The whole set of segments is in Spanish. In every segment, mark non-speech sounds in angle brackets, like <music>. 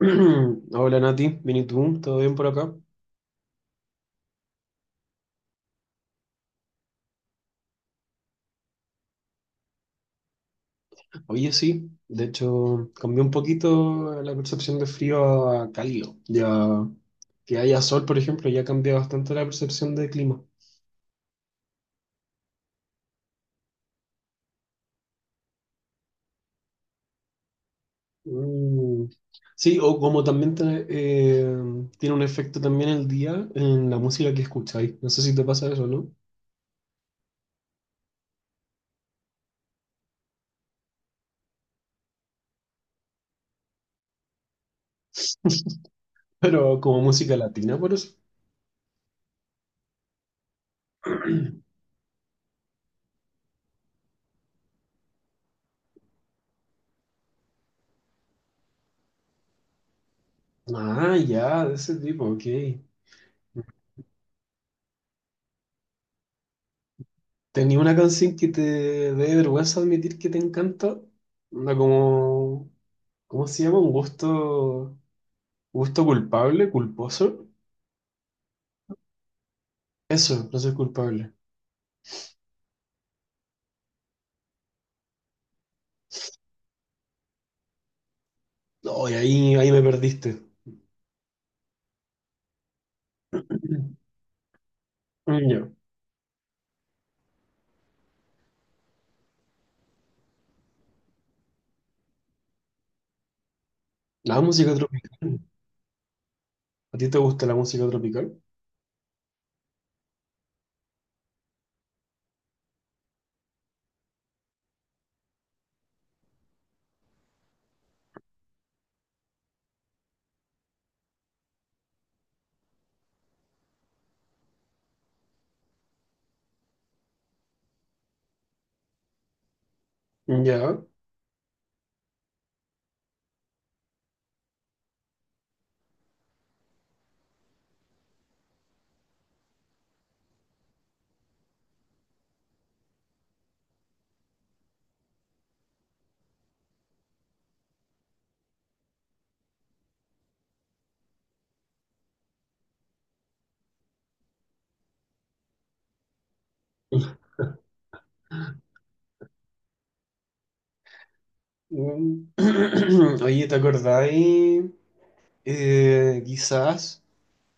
<clears throat> Hola Nati, bien y tú, ¿todo bien por acá? Oye, sí, de hecho cambió un poquito la percepción de frío a cálido. Ya que haya sol, por ejemplo, ya cambia bastante la percepción de clima. Mm. Sí, o como también tiene un efecto también el día en la música que escucháis. No sé si te pasa eso, ¿no? Pero como música latina, por eso. <clears throat> Ah, ya, de ese tipo, ok. ¿Tenía una canción que te dé vergüenza admitir que te encanta? Una como, ¿cómo se llama? Un gusto, gusto culpable, culposo. Eso, no soy culpable. No, y ahí, ahí me perdiste. Mm, ya. La música tropical. ¿A ti te gusta la música tropical? Ya. Mm. <clears throat> Oye, ¿te acordáis? Quizás.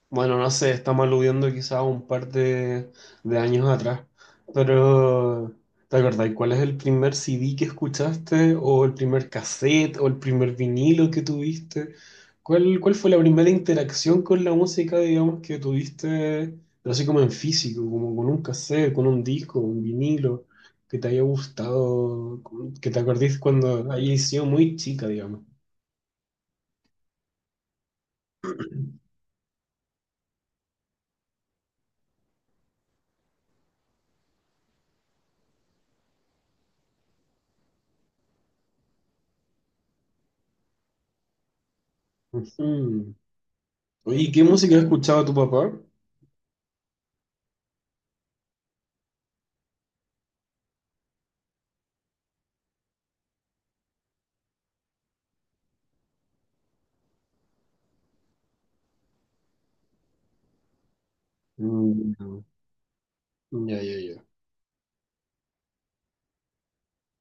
Bueno, no sé, estamos aludiendo quizás a un par de años atrás, pero ¿te acordáis cuál es el primer CD que escuchaste o el primer cassette o el primer vinilo que tuviste? ¿Cuál, cuál fue la primera interacción con la música, digamos, que tuviste, pero así como en físico, como con un cassette, con un disco, un vinilo, que te haya gustado, que te acordís cuando hayas sido muy chica, digamos? Ujú. Oye, ¿y ¿qué música escuchaba tu papá? Mm, ya, ya, ya.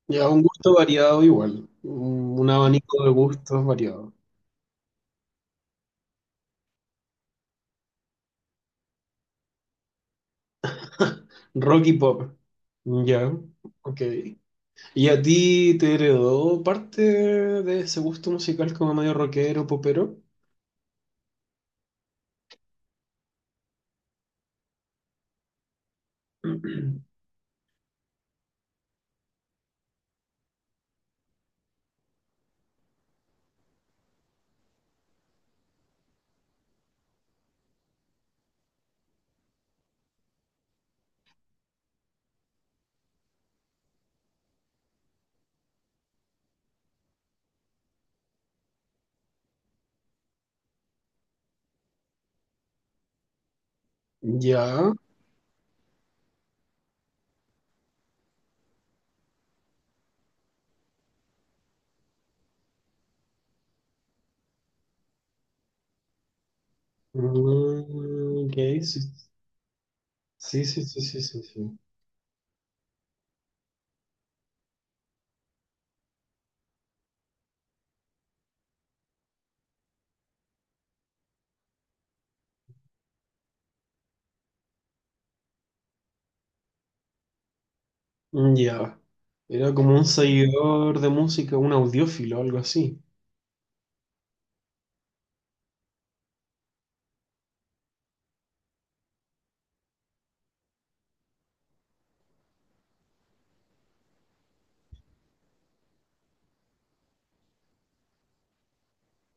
Ya, un gusto variado igual. Un abanico de gustos variado. <laughs> Rock y pop. Ya, ok. ¿Y a ti te heredó parte de ese gusto musical como medio rockero, popero? <clears throat> Ya. Mm, ok, sí, sí, sí, sí, sí, sí, sí. Ya. Era como un seguidor de música, un audiófilo, algo así.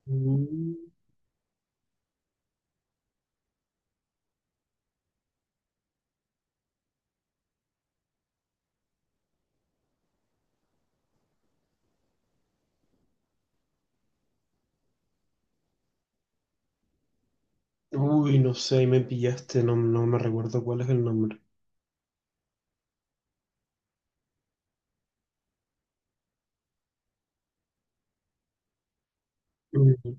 Mm, uy, no sé, ahí me pillaste, no, no me recuerdo cuál es el nombre. Mm,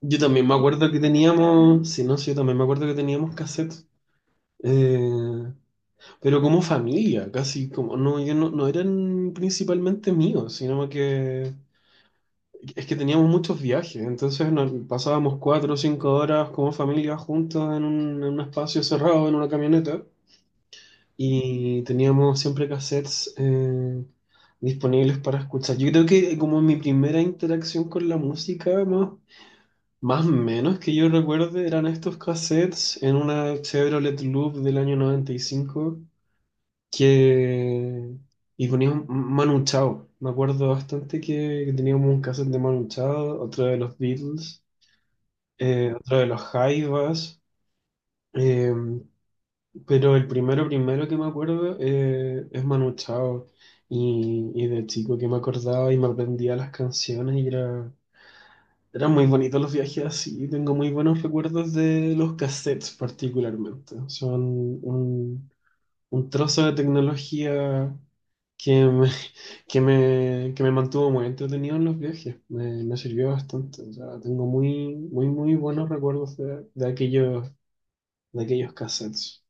yo también me acuerdo que teníamos, si no, sí, yo también me acuerdo que teníamos cassettes, eh, pero como familia, casi como, no, yo no, no eran principalmente míos, sino que es que teníamos muchos viajes, entonces nos pasábamos cuatro o cinco horas como familia juntos en un espacio cerrado, en una camioneta, y teníamos siempre cassettes disponibles para escuchar. Yo creo que como mi primera interacción con la música, más más o menos que yo recuerde eran estos cassettes en una Chevrolet Loop del año 95 que... y ponían Manu Chao. Me acuerdo bastante que teníamos un cassette de Manu Chao, otro de los Beatles, otro de los Jaivas, eh, pero el primero primero que me acuerdo es Manu Chao y de chico que me acordaba y me aprendía las canciones y era... Eran muy bonitos los viajes así, tengo muy buenos recuerdos de los cassettes particularmente. Son un, un trozo de tecnología que me, <laughs> que me mantuvo muy entretenido en los viajes, me sirvió bastante. O sea, tengo muy, muy, muy buenos recuerdos de aquellos cassettes.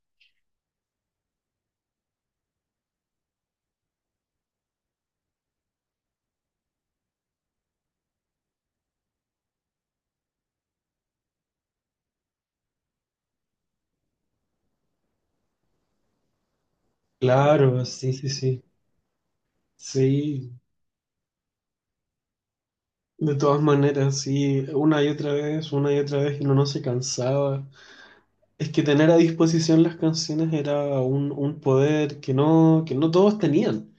Claro, sí, sí, sí. Sí, de todas maneras, sí, una y otra vez, una y otra vez, y uno no se cansaba. Es que tener a disposición las canciones era un poder que no todos tenían.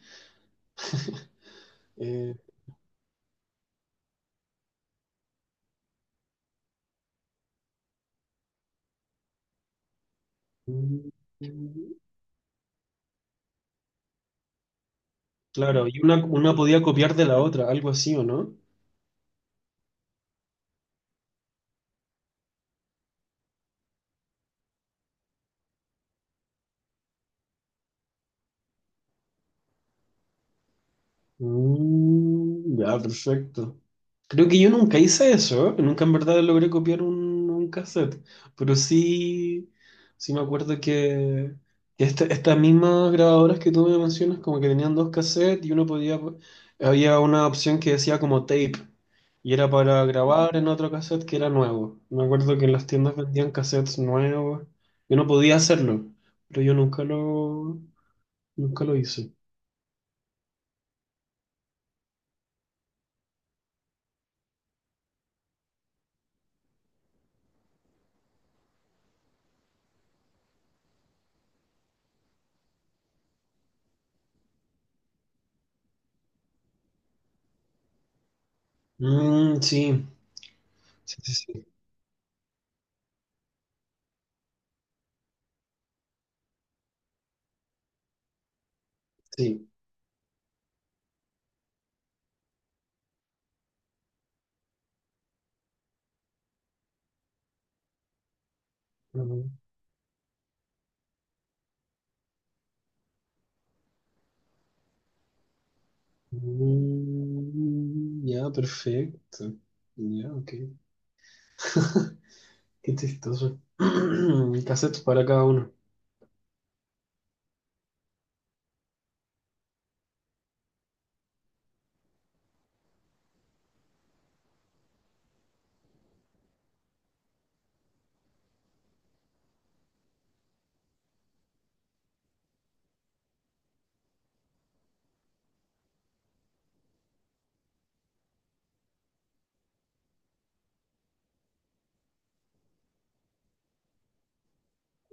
Eh, mm, claro, y una podía copiar de la otra, algo así, ¿o no? Mm, ya, perfecto. Creo que yo nunca hice eso, ¿eh? Nunca en verdad logré copiar un cassette, pero sí, sí me acuerdo que estas mismas grabadoras que tú me mencionas como que tenían dos cassettes y uno podía, había una opción que decía como tape y era para grabar en otro cassette que era nuevo. Me acuerdo que en las tiendas vendían cassettes nuevos, yo no podía hacerlo, pero yo nunca lo, nunca lo hice. Mm, sí, sí, sí, sí. Sí. Ujú. Mm, ya, perfecto. Ya, ok. <laughs> Qué chistoso. <clears throat> Cassettes para cada uno.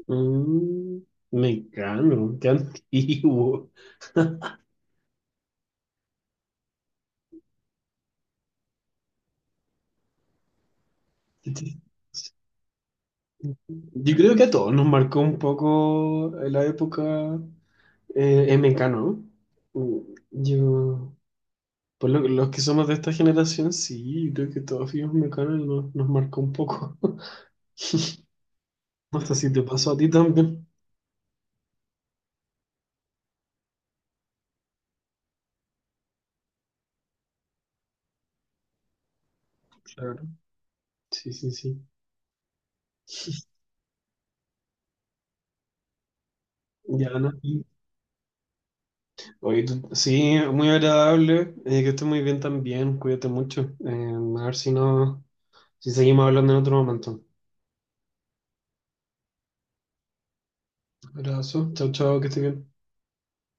Mm, me cano, <laughs> qué antiguo. Qué chistoso. Yo creo que a todos nos marcó un poco la época, MK, ¿no? Mm, yo, por los que somos de esta generación, sí, yo creo que todos fuimos Mecano y nos, nos marcó un poco. <laughs> No sé si te pasó a ti también. Sí, sí, sí. Ya, Ana, sí. Sí, muy agradable. Que estés muy bien también. Cuídate mucho. A ver si seguimos hablando en otro momento. Abrazo. Chao, chao, que estés bien.